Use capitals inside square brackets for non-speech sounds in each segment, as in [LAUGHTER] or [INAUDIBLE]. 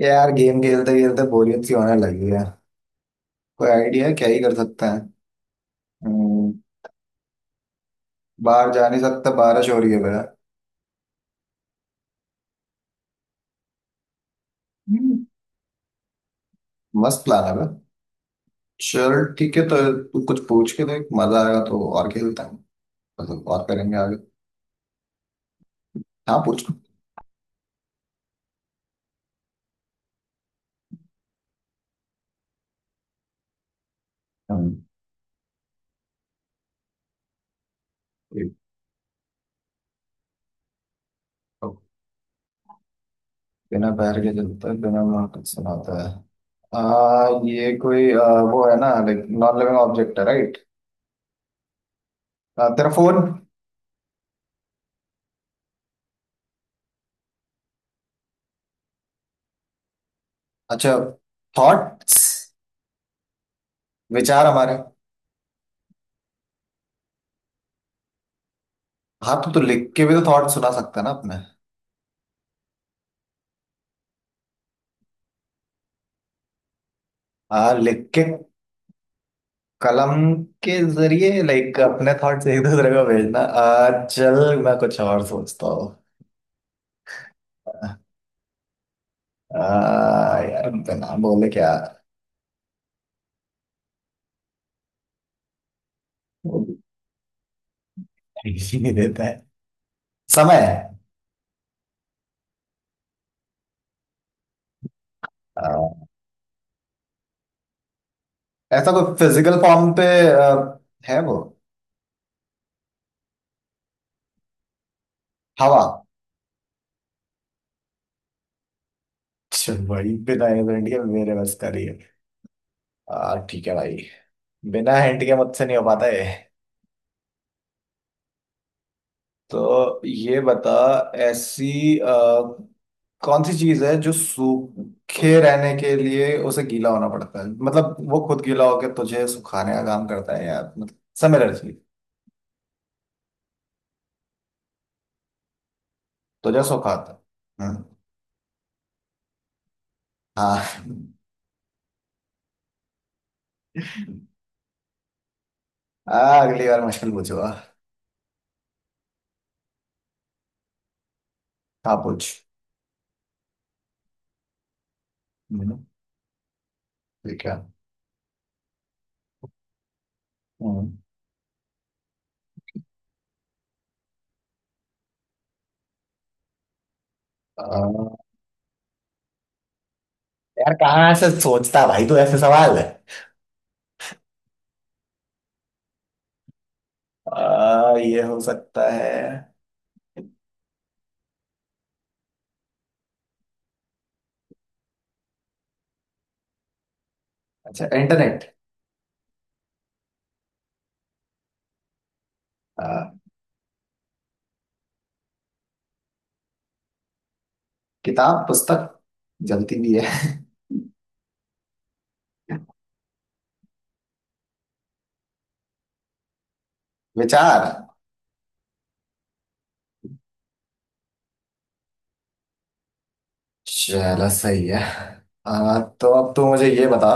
ये यार गेम खेलते खेलते बोरियत सी होने लगी है। कोई आइडिया है क्या ही कर सकते हैं। हम्म। बाहर जा नहीं सकता, बारिश हो रही है बेटा। हम्म। मस्त प्लान है बे। चल ठीक है, तो तू कुछ पूछ के देख, मजा आएगा तो और खेलते हैं। मतलब और करेंगे आगे। हाँ पूछ। हम्म। एक। तो बिना पैर के चलता है, बिना मुंह के सुनाता है। ये कोई वो है ना, लाइक नॉन लिविंग ऑब्जेक्ट है राइट। तेरा फोन। अच्छा, थॉट्स, विचार हमारे। हाँ तो लिख के भी तो थॉट सुना सकते हैं ना अपने। लिख के कलम के जरिए, लाइक अपने थॉट्स एक दूसरे को भेजना। चल मैं कुछ और सोचता हूँ। आ, यार बिना बोले क्या। वो ही नहीं देता है। समय। आ, ऐसा कोई फिजिकल फॉर्म पे आ, है वो। हवा। अच्छा भाई, बिना हिंट के मेरे बस करिए। ठीक है भाई, बिना हिंट के मुझसे नहीं हो पाता है। तो ये बता, ऐसी कौन सी चीज है जो सूखे रहने के लिए उसे गीला होना पड़ता है, मतलब वो खुद गीला होकर तुझे सुखाने का काम करता है, या मतलब सिमिलर चीज। तुझे सुखाता है। हम्म। हाँ [LAUGHS] आ, अगली बार मुश्किल पूछूंगा। हाँ पूछ। हम्म। ठीक है। हम्म। अ, यार कहाँ ऐसे सोचता भाई तू, ऐसे सवाल है। ये हो सकता है। अच्छा, इंटरनेट। किताब, पुस्तक जलती भी है [LAUGHS] विचार। चलो सही है। तो अब तो मुझे ये बता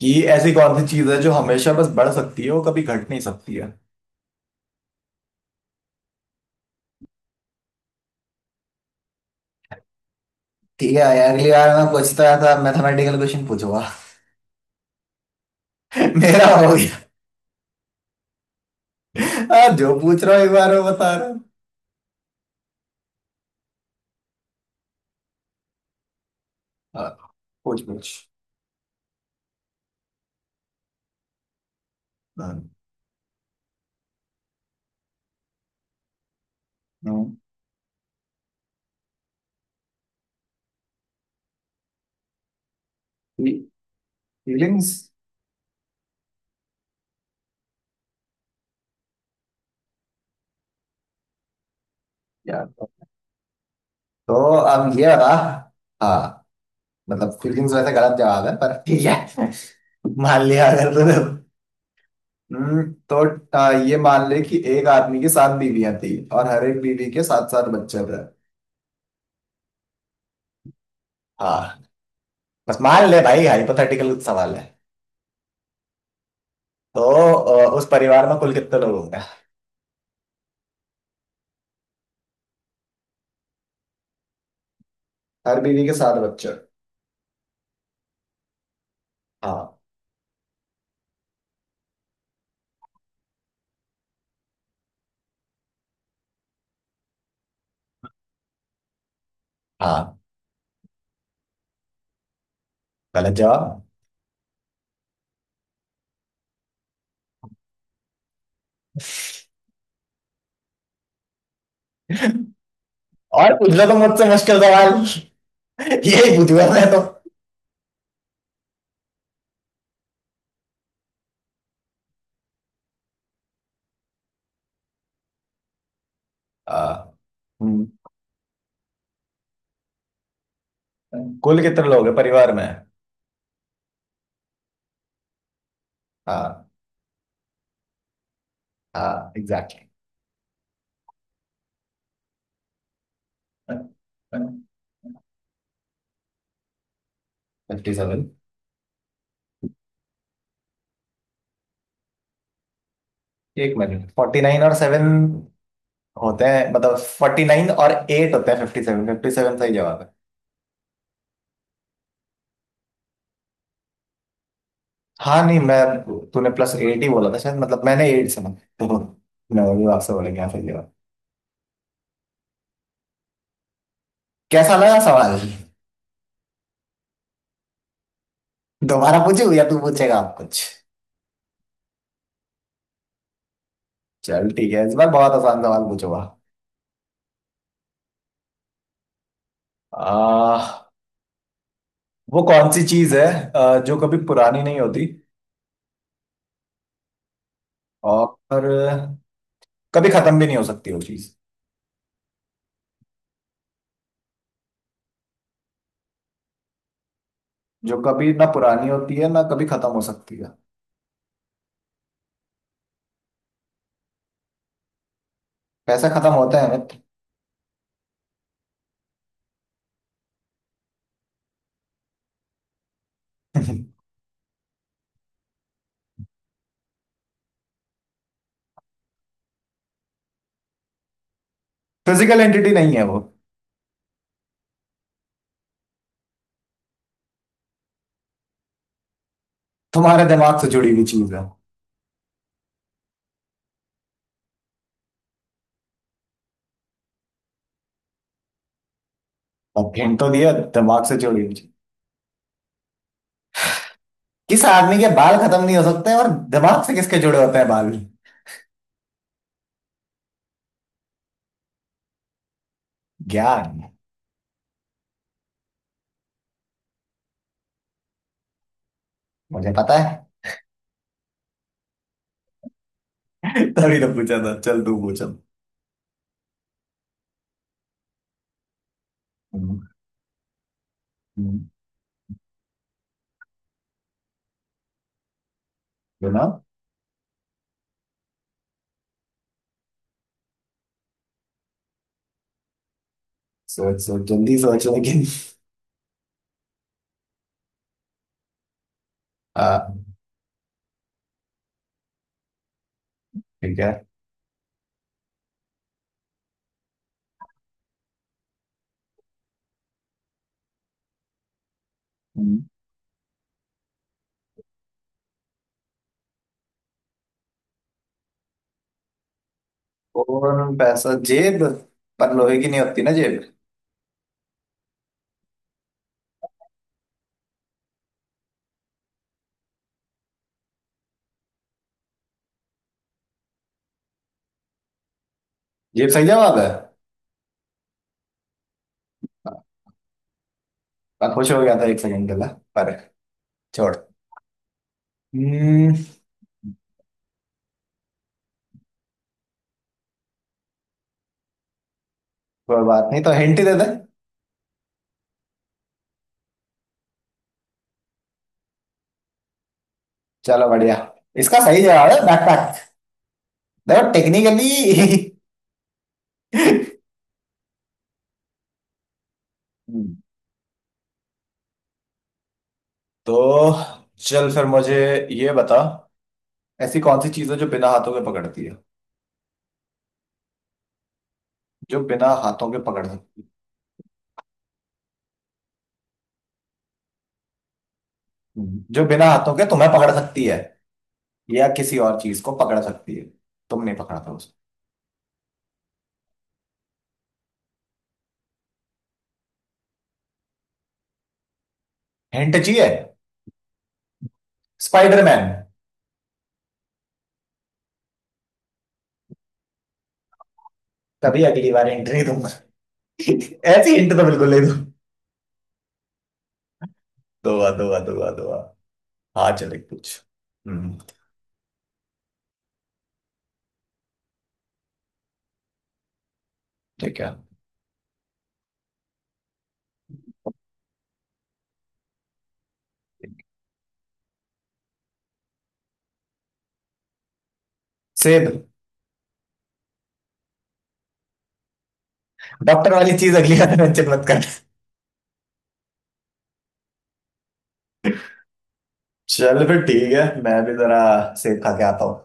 कि ऐसी कौन सी चीज है जो हमेशा बस बढ़ सकती है, वो कभी घट नहीं सकती है। ठीक है यार, अगली बार मैं पूछता था, मैथमेटिकल क्वेश्चन पूछूंगा। [LAUGHS] मेरा हो गया। [LAUGHS] जो पूछ रहा हूँ एक बार वो बता रहा हूँ। आ, पूछ पूछ। फीलिंग्स। यार तो अब ये बता। हाँ मतलब फीलिंग्स वैसे गलत जवाब है, पर ठीक है [LAUGHS] मान लिया अगर तूने। हम्म। तो ये मान ले कि एक आदमी की सात बीवियां थी, और हर एक बीवी के सात सात बच्चे थे। हाँ, बस मान ले भाई, हाइपोथेटिकल सवाल है। तो उस परिवार में कुल कितने लोग होंगे। हर बीवी के सात बच्चे। हाँ। हाँ। गलत जवाब। और पूछ लो तो मुझसे मुश्किल सवाल। [LAUGHS] यही पूछूंगा मैं तो। हाँ। हम्म। कुल कितने लोग हैं परिवार में। हाँ। हाँ एग्जैक्टली। 57। एक मिनट, 49 और 7 होते हैं, मतलब 49 और 8 होते हैं 57, 57 सही जवाब है। हाँ नहीं, मैं, तूने प्लस एट ही बोला था शायद, मतलब मैंने एट सुना। तो मैं वही आपसे बोलेंगे, हाँ सही जवाब। कैसा लगा सवाल। दोबारा पूछू या तू पूछेगा आप कुछ। चल ठीक है, इस बार बहुत आसान सवाल पूछूंगा। आ, वो कौन सी चीज है जो कभी पुरानी नहीं होती, और कभी खत्म भी नहीं हो सकती वो चीज। जो कभी ना पुरानी होती है, ना कभी खत्म हो सकती है। पैसा खत्म होता है। फिजिकल एंटिटी [LAUGHS] नहीं है वो। तुम्हारे दिमाग से जुड़ी हुई चीज है। अब हिंट तो दिया, दिमाग से जुड़ी हुई चीज। किस आदमी के बाल खत्म नहीं हो सकते, और दिमाग से किसके जुड़े होते हैं बाल। ज्ञान। मुझे पता है। [LAUGHS] तभी तो पूछा था, चल तू पूछ अब। हम्म। हम्म। बिना। सोच सोच, जल्दी सोच लेकिन। हाँ ठीक है। हम्म। और पैसा, जेब। पर लोहे की नहीं होती ना जेब। जेब सही जवाब है। मैं खुश हो गया था 1 सेकंड के लिए, पर छोड़। हम्म। कोई बात नहीं, तो हिंट ही दे दे। चलो बढ़िया। इसका सही जवाब है बैकपैक। देखो टेक्निकली [LAUGHS] हम्म। तो चल फिर मुझे ये बता, ऐसी कौन सी चीज है जो बिना हाथों के पकड़ती है। जो बिना हाथों के पकड़ सकती है, जो बिना हाथों के तुम्हें पकड़ सकती है, या किसी और चीज को पकड़ सकती है। तुम नहीं पकड़ा था उसको। हिंट चाहिए। स्पाइडरमैन। कभी अगली बार हिंट नहीं दूंगा। [LAUGHS] ऐसी हिंट तो बिल्कुल नहीं दूँ। दुआ दुआ दुआ दुआ। हाँ चले कुछ। हम्म। ठीक है। सेब। डॉक्टर वाली चीज अगली बार मेंशन मत कर। चल फिर ठीक है, मैं भी जरा सेब खा के आता हूँ।